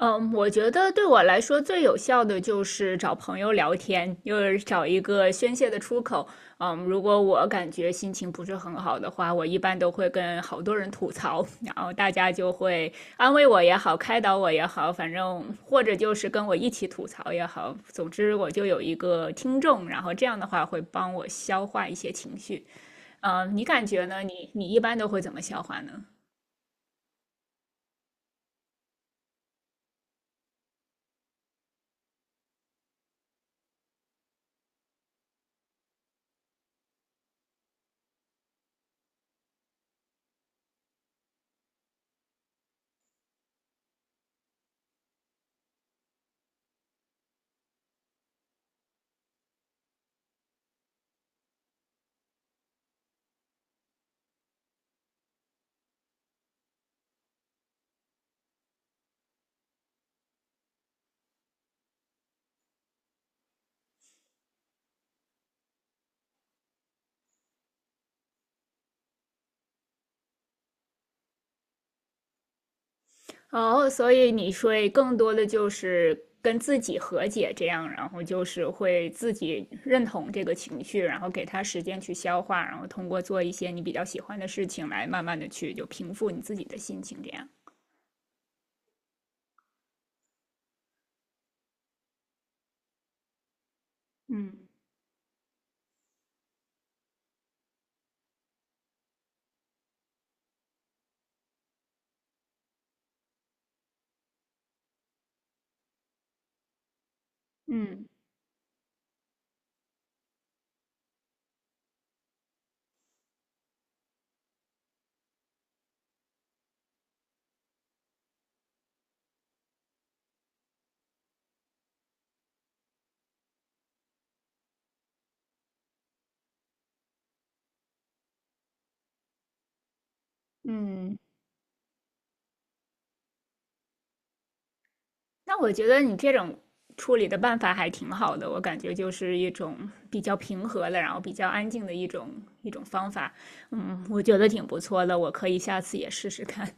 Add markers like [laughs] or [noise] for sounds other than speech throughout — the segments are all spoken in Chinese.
嗯，我觉得对我来说最有效的就是找朋友聊天，就是找一个宣泄的出口。嗯，如果我感觉心情不是很好的话，我一般都会跟好多人吐槽，然后大家就会安慰我也好，开导我也好，反正或者就是跟我一起吐槽也好，总之我就有一个听众，然后这样的话会帮我消化一些情绪。嗯，你感觉呢？你一般都会怎么消化呢？哦，所以你会更多的就是跟自己和解，这样，然后就是会自己认同这个情绪，然后给他时间去消化，然后通过做一些你比较喜欢的事情来慢慢的去就平复你自己的心情，这样。嗯嗯嗯，那我觉得你这种处理的办法还挺好的，我感觉就是一种比较平和的，然后比较安静的一种方法。嗯，我觉得挺不错的，我可以下次也试试看。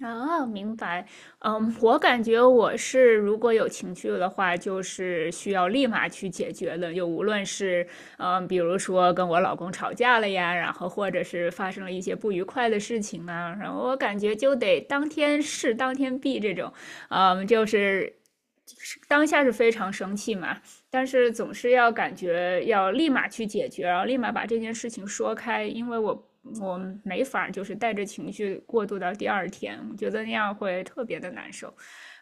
哦，明白。嗯，我感觉我是如果有情绪的话，就是需要立马去解决的。就无论是嗯，比如说跟我老公吵架了呀，然后或者是发生了一些不愉快的事情啊，然后我感觉就得当天事当天毕这种。嗯，就是当下是非常生气嘛，但是总是要感觉要立马去解决，然后立马把这件事情说开，因为我没法就是带着情绪过渡到第二天，我觉得那样会特别的难受，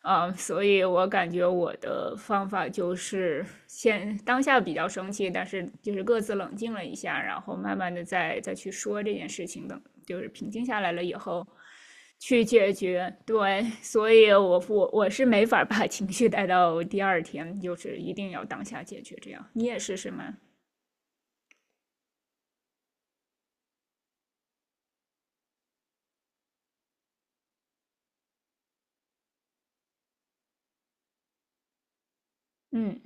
嗯，所以我感觉我的方法就是先当下比较生气，但是就是各自冷静了一下，然后慢慢的再去说这件事情，的，就是平静下来了以后，去解决，对，所以我是没法把情绪带到第二天，就是一定要当下解决。这样你也是是吗？嗯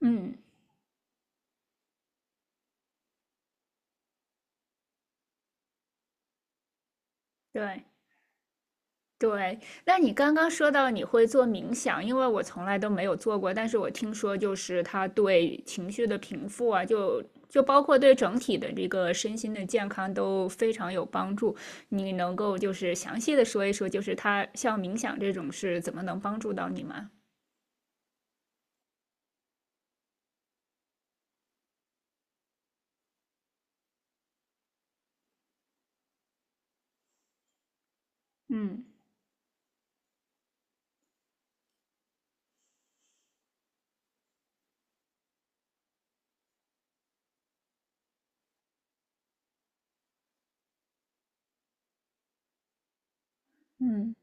嗯，对对。那你刚刚说到你会做冥想，因为我从来都没有做过，但是我听说就是它对情绪的平复啊，就就包括对整体的这个身心的健康都非常有帮助。你能够就是详细的说一说，就是它像冥想这种是怎么能帮助到你吗？嗯嗯。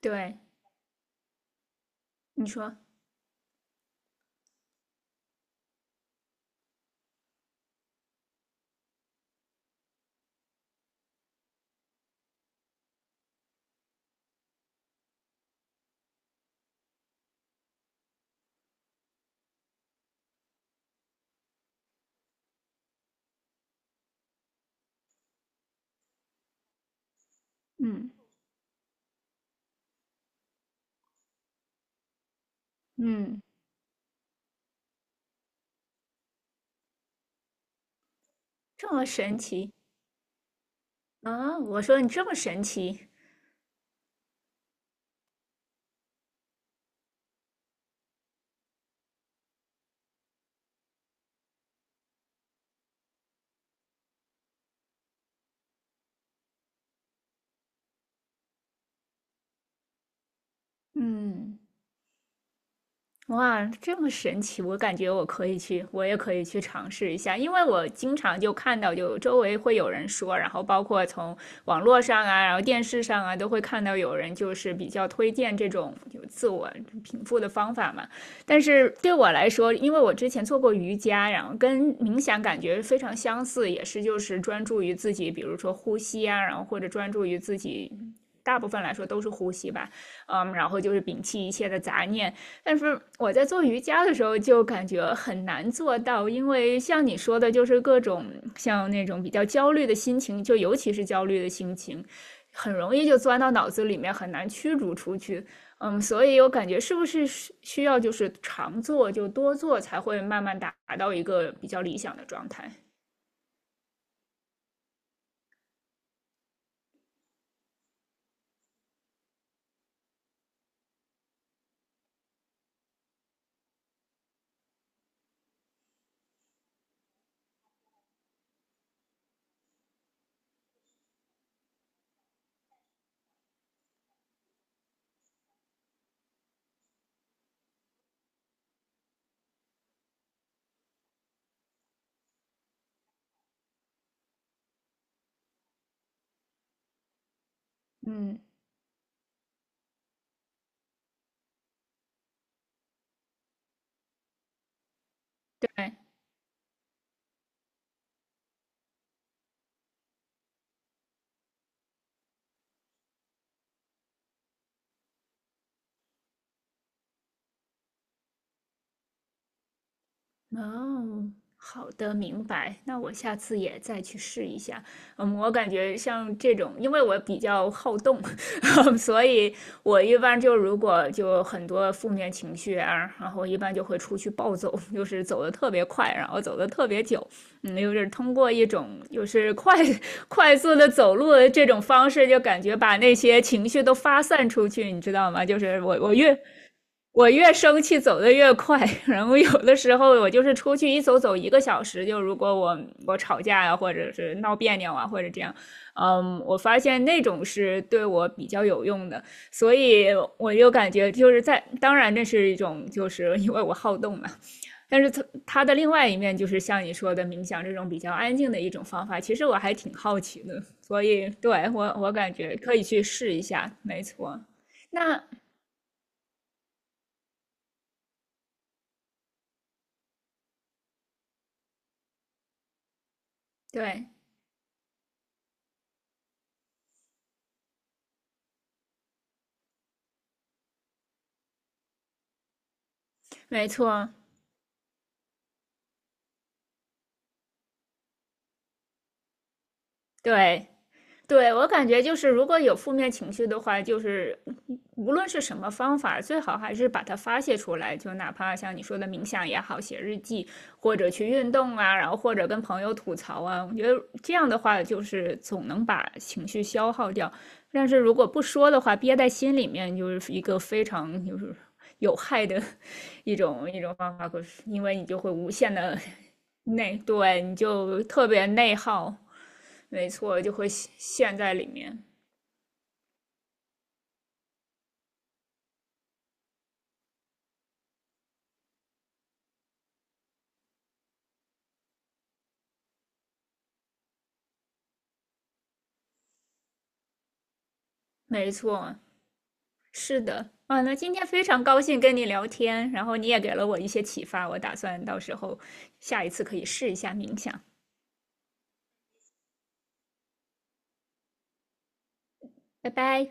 对，你说，嗯嗯，这么神奇啊！我说你这么神奇，嗯。哇，这么神奇！我感觉我可以去，我也可以去尝试一下，因为我经常就看到，就周围会有人说，然后包括从网络上啊，然后电视上啊，都会看到有人就是比较推荐这种有自我平复的方法嘛。但是对我来说，因为我之前做过瑜伽，然后跟冥想感觉非常相似，也是就是专注于自己，比如说呼吸啊，然后或者专注于自己，大部分来说都是呼吸吧，嗯，然后就是摒弃一切的杂念。但是我在做瑜伽的时候就感觉很难做到，因为像你说的，就是各种像那种比较焦虑的心情，就尤其是焦虑的心情，很容易就钻到脑子里面，很难驱逐出去。嗯，所以我感觉是不是需要就是常做，就多做，才会慢慢达到一个比较理想的状态。嗯，对。哦，好的，明白。那我下次也再去试一下。嗯，我感觉像这种，因为我比较好动，[laughs] 所以我一般就如果就很多负面情绪啊，然后一般就会出去暴走，[laughs] 就是走的特别快，然后走的特别久。嗯，就是通过一种就是快 [laughs] 快速的走路的这种方式，就感觉把那些情绪都发散出去，你知道吗？就是我越我越生气走的越快，然后有的时候我就是出去一走走一个小时，就如果我吵架呀、啊或者是闹别扭啊，或者这样，嗯，我发现那种是对我比较有用的，所以我就感觉就是在，当然这是一种就是因为我好动嘛，但是它的另外一面就是像你说的冥想这种比较安静的一种方法，其实我还挺好奇的，所以对我感觉可以去试一下，没错，那对。没错，对，对，我感觉就是如果有负面情绪的话，就是无论是什么方法，最好还是把它发泄出来，就哪怕像你说的冥想也好，写日记，或者去运动啊，然后或者跟朋友吐槽啊，我觉得这样的话就是总能把情绪消耗掉。但是如果不说的话，憋在心里面就是一个非常就是有害的 [laughs] 一种方法，可是因为你就会无限的 [laughs] 内，对，你就特别内耗。没错，就会陷在里面。没错，是的。啊，那今天非常高兴跟你聊天，然后你也给了我一些启发，我打算到时候下一次可以试一下冥想。拜拜。